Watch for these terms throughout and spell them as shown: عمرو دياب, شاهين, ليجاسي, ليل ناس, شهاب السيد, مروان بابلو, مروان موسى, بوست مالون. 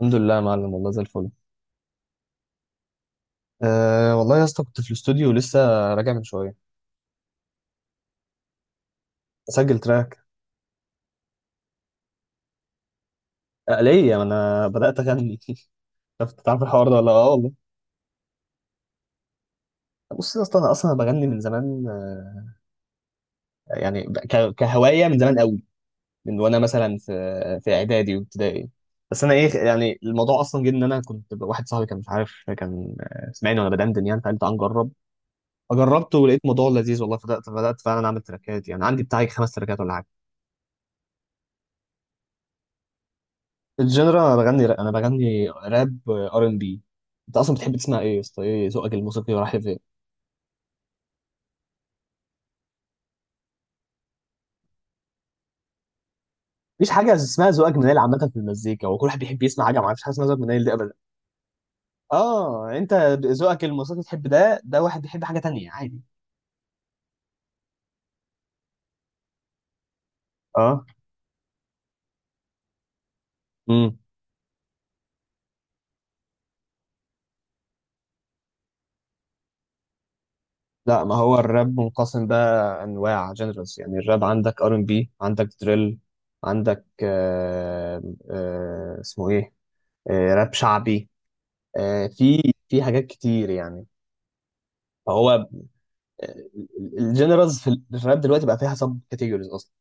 الحمد لله يا معلم، والله زي الفل. أه والله يا اسطى، كنت في الاستوديو لسه راجع من شويه. اسجل تراك. أه ليه، ما انا بدات اغني شفت؟ تعرف الحوار ده ولا؟ اه والله. بص يا اسطى، انا اصلا بغني من زمان يعني كهوايه من زمان قوي، من وانا مثلا في اعدادي وابتدائي. بس انا ايه يعني، الموضوع اصلا جه ان انا كنت واحد صاحبي كان مش عارف، كان سمعني وانا بدندن يعني، فقال تعال نجرب. فجربت ولقيت الموضوع لذيذ والله، فبدات فعلا اعمل تراكات، يعني عندي بتاعي 5 تراكات ولا حاجه. الجنرال انا بغني راب، انا بغني راب ار ان بي. انت اصلا بتحب تسمع ايه يا اسطى؟ ايه ذوقك الموسيقي رايح لفين؟ مفيش حاجه اسمها ذوقك منيل عامه في المزيكا، وكل واحد بيحب يسمع حاجه، ما فيش حاجه اسمها ذوقك منيل دي ابدا. اه انت ذوقك الموسيقي تحب ده، ده واحد بيحب حاجه تانية عادي. اه. امم لا، ما هو الراب منقسم بقى انواع جنرالز، يعني الراب عندك ار ان بي، عندك دريل، عندك اسمه ايه، آه راب شعبي، آه في حاجات كتير يعني، فهو الجنرالز في الراب دلوقتي بقى فيها سب كاتيجوريز اصلا،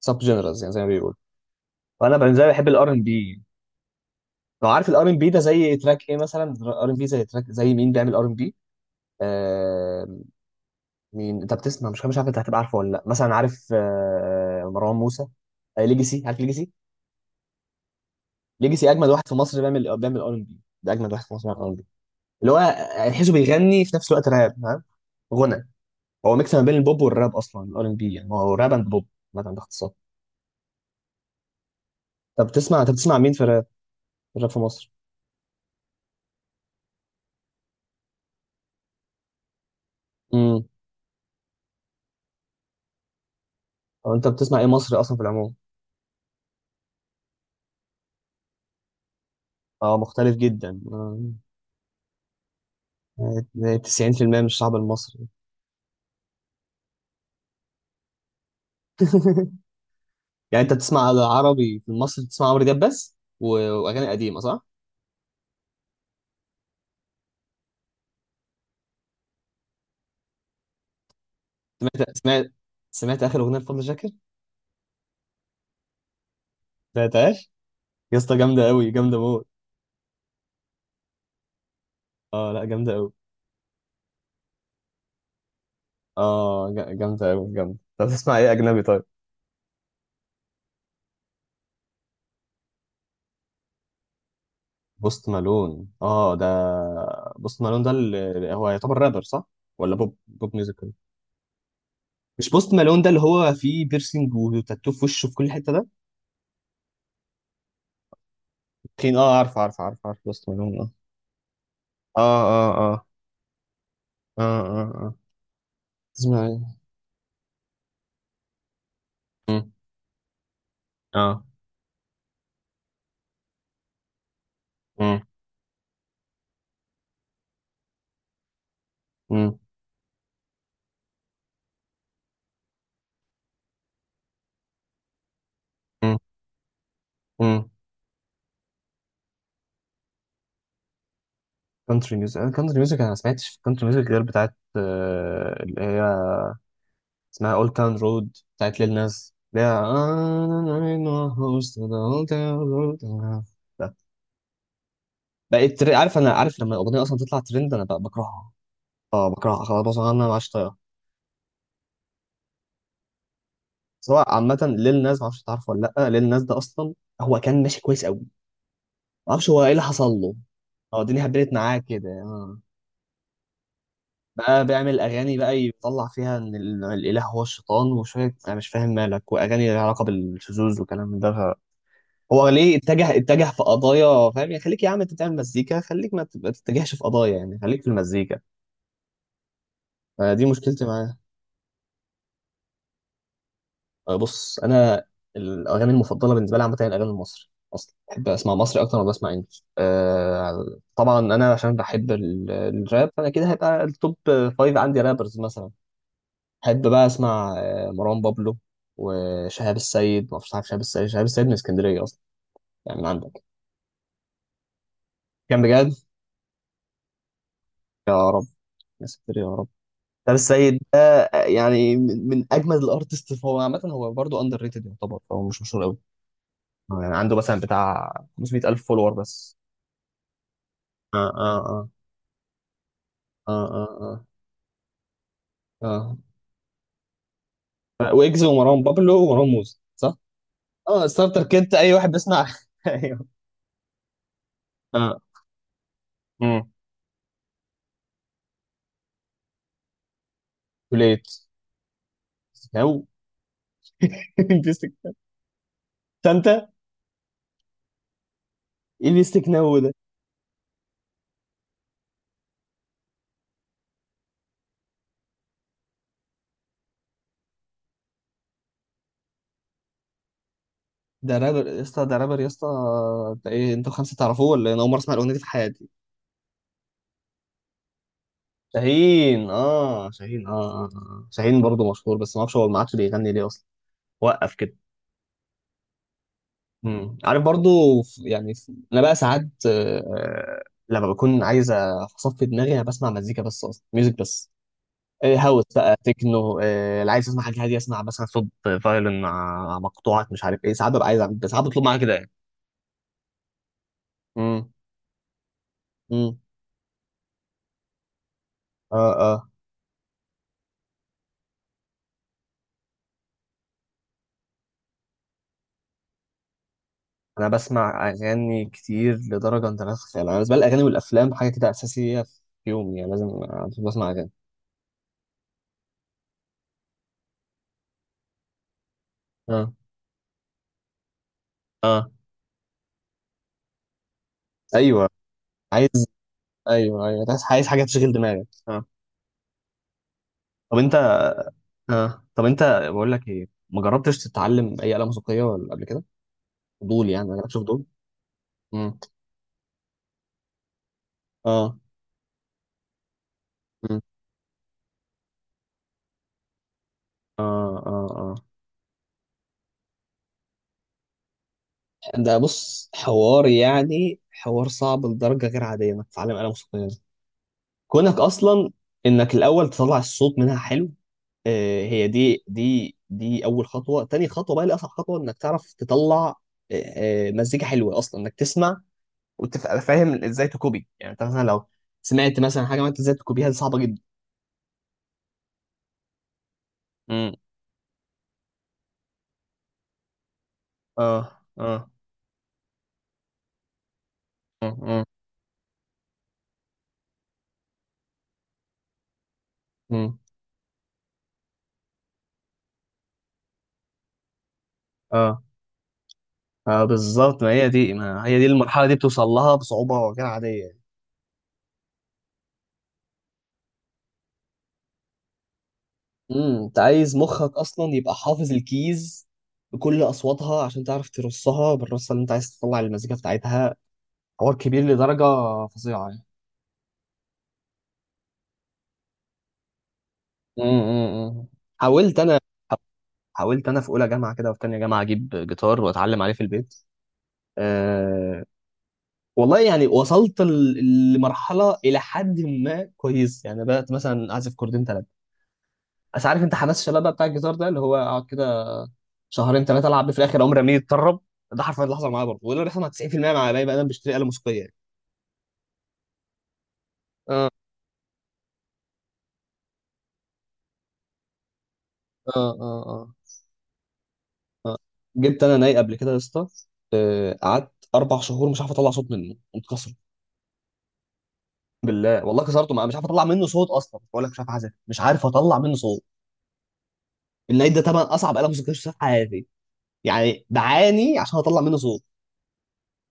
سب جنرالز يعني زي ما بيقولوا. وانا بالنسبه لي بحب الار ان بي. لو عارف الار ان بي ده زي تراك ايه مثلا. ار ان بي زي تراك زي مين بيعمل ار ان بي؟ آه مين انت بتسمع؟ مش عارف انت هتبقى عارفه ولا لا، مثلا عارف مروان موسى؟ آه ليجاسي، عارف ليجاسي؟ ليجاسي اجمد واحد في مصر بيعمل، ار ان بي، ده اجمد واحد في مصر بيعمل ار ان بي. اللي هو تحسه بيغني في نفس الوقت راب، فاهم؟ غنى. هو ميكس ما بين البوب والراب اصلا الار ان بي، يعني هو راب اند بوب مثلا باختصار. طب بتسمع مين في الراب؟ غير في مصر. امم. طب انت بتسمع ايه مصري اصلا في العموم؟ اه مختلف جدا 90% من الشعب المصري يعني انت بتسمع عربي في مصر بتسمع عمرو دياب بس واغاني قديمه صح؟ سمعت سمعت سمعت اخر اغنيه لفضل شاكر؟ سمعتهاش؟ يا اسطى جامده قوي، جامده موت. اه لا، جامده قوي. اه جامده قوي جامده. طب تسمع ايه اجنبي طيب؟ بوست مالون. اه ده، بوست مالون ده اللي هو يعتبر رابر صح؟ ولا بوب، ميوزك؟ مش بوست مالون ده اللي هو فيه بيرسينج وتاتو في وشه في كل حته ده؟ تخين. اه عارف، عارف عارف عارف بوست مالون. اه، اه، اه، اه، اه، اه، اه. اسمها ايه؟ مم. اه. مم. مم. مم. مم. كونتري ميوزك، انا كونتري ميوزك انا ما سمعتش في كونتري ميوزك غير بتاعت اللي هي اسمها اولد تاون رود، بتاعت ليل ناس اللي هي. بقيت عارف، انا عارف لما الاغنيه اصلا تطلع ترند انا بكرهها. اه بكرهها خلاص، بصراحة انا ما عادش طايقها. سواء عامة ليل ناس معرفش تعرفه ولا لأ، ليل ناس ده أصلا هو كان ماشي كويس أوي. معرفش هو إيه اللي حصل له. هو الدنيا هبلت معاه كده بقى بيعمل أغاني بقى يطلع فيها إن الإله هو الشيطان وشوية، أنا مش فاهم مالك، وأغاني لها علاقة بالشذوذ وكلام من ده. هو ليه اتجه، في قضايا؟ فاهم يعني؟ خليك يا عم، أنت بتعمل مزيكا، خليك ما تبقى تتجهش في قضايا، يعني خليك في المزيكا. دي مشكلتي معاه. بص انا الاغاني المفضله بالنسبه لي عامه هي الاغاني المصري، اصلا بحب اسمع مصري اكتر ما بسمع انجلش. طبعا انا عشان بحب الراب فانا كده هيبقى التوب فايف عندي رابرز مثلا. بحب بقى اسمع مروان بابلو وشهاب السيد، ما اعرفش، عارف شهاب السيد؟ شهاب السيد من اسكندريه اصلا يعني، من عندك. كان بجد. يا رب يا ساتر يا رب. شهاب السيد ده يعني من اجمد الارتست هو عامه، هو برضه اندر ريتد يعتبر، فهو مش مشهور قوي. يعني عنده مثلا بتاع 500,000 فولور بس. اه، اه، اه، اه، اه، اه. ويجز ومروان بابلو ومروان موسى صح؟ اه ستارتر كيت، اي واحد بيسمع ايوه. اه. امم وليت نو بيستك سانتا. ايه بيستك نو ده؟ ده رابر يا اسطى، ده رابر يا اسطى، ده ايه؟ انتوا خمسه تعرفوه ولا إيه؟ انا اول مره اسمع الاغنيه دي في حياتي. شاهين. اه شاهين. اه، اه شاهين برضه مشهور، بس ما اعرفش هو ما عادش بيغني ليه اصلا، وقف كده. مم. عارف برضو، يعني انا بقى ساعات لما بكون عايز اصفي دماغي انا بسمع مزيكا بس، اصلا ميوزك بس. إيه، هاوس بقى، تكنو، إيه اللي عايز، اسمع حاجه هاديه، اسمع مثلا صوت فايولن مع مقطوعات مش عارف ايه. ساعات ببقى عايز اعمل، بس ساعات بطلب معايا كده يعني. امم. امم. اه. اه. انا بسمع اغاني كتير لدرجه انت لا تتخيل، انا بالنسبه لي الاغاني والافلام حاجه كده اساسيه في يومي، يعني لازم أنا بسمع اغاني. اه. اه. ايوه عايز، ايوه، ايوه عايز، حاجه تشغل دماغك اه. طب انت اه طب انت، بقول لك ايه، ما جربتش تتعلم اي آلة موسيقية ولا قبل كده؟ فضول يعني، ما جربتش فضول؟ امم. اه. امم. اه، اه، اه. ده بص، حوار يعني حوار صعب لدرجة غير عادية انك تتعلم آلة موسيقية دي، كونك اصلا انك الاول تطلع الصوت منها حلو. آه هي دي، دي اول خطوة. تاني خطوة بقى اللي اصعب خطوة، انك تعرف تطلع آه مزيكا حلوة اصلا انك تسمع، وتبقى فاهم ازاي تكوبي، يعني انت مثلا لو سمعت مثلا حاجة، ما انت ازاي تكوبيها؟ دي صعبة جدا. مم. اه، اه، اه، اه، اه. آه. بالظبط، ما هي دي، ما هي دي المرحله دي بتوصل لها بصعوبه غير عاديه يعني. امم. انت عايز مخك اصلا يبقى حافظ الكيز بكل اصواتها، عشان تعرف ترصها بالرصه اللي انت عايز تطلع المزيكا بتاعتها. حوار كبير لدرجه فظيعه يعني. امم. أمم. حاولت انا، في اولى جامعه كده وفي تانية جامعه اجيب جيتار واتعلم عليه في البيت. أه والله يعني، وصلت لمرحله الى حد ما كويس يعني، بدات مثلا اعزف كوردين ثلاثه. بس عارف انت حماس الشباب بقى بتاع الجيتار ده اللي هو اقعد كده شهرين ثلاثه العب بيه، في الاخر عمري رميه يتطرب. ده حرفيا اللي حصل معايا برضه، وده اللي بيحصل مع 90% مع باقي بقى انا بشتري آلة موسيقية يعني. اه، اه، اه. آه. جبت انا ناي قبل كده يا اسطى. قعدت 4 شهور مش عارف اطلع صوت منه، متكسر بالله والله كسرته، مش عارف اطلع منه صوت اصلا. بقول لك مش عارف اعزف، مش عارف اطلع منه صوت. الناي ده طبعا اصعب آلة موسيقية شفتها في حياتي، يعني بعاني عشان اطلع منه صوت.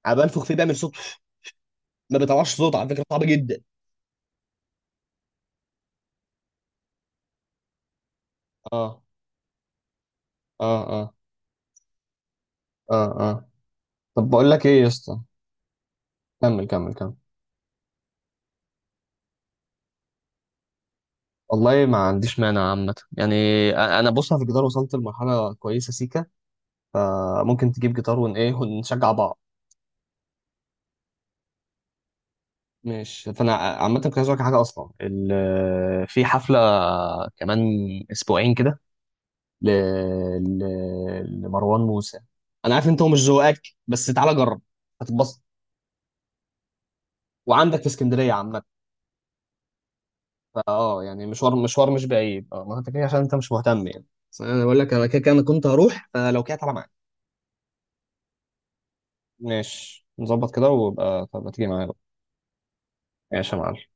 انا بنفخ فيه بيعمل صوت، ما بيطلعش صوت، على فكرة صعب جدا. اه، اه، اه، اه. آه. طب بقول لك ايه يا اسطى، كمل كمل كمل. والله ما عنديش مانع عامة يعني. انا بص في الجيتار وصلت لمرحلة كويسة سيكا، فممكن تجيب جيتار ون ايه ونشجع بعض. مش فانا عامة كنت عايز أقولك حاجة اصلا، في حفلة كمان اسبوعين كده ل... ل... لمروان موسى. انا عارف انت هو مش ذوقك، بس تعالى جرب هتتبسط، وعندك في اسكندرية عامة، فاه يعني مشوار، مشوار مش بعيد اه. ما انت كده عشان انت مش مهتم يعني، بس انا بقول لك انا كده كده، انا كنت هروح فلو كده تعالى معايا. ماشي نظبط كده، ويبقى طب ما تيجي معايا بقى. ماشي يا معلم.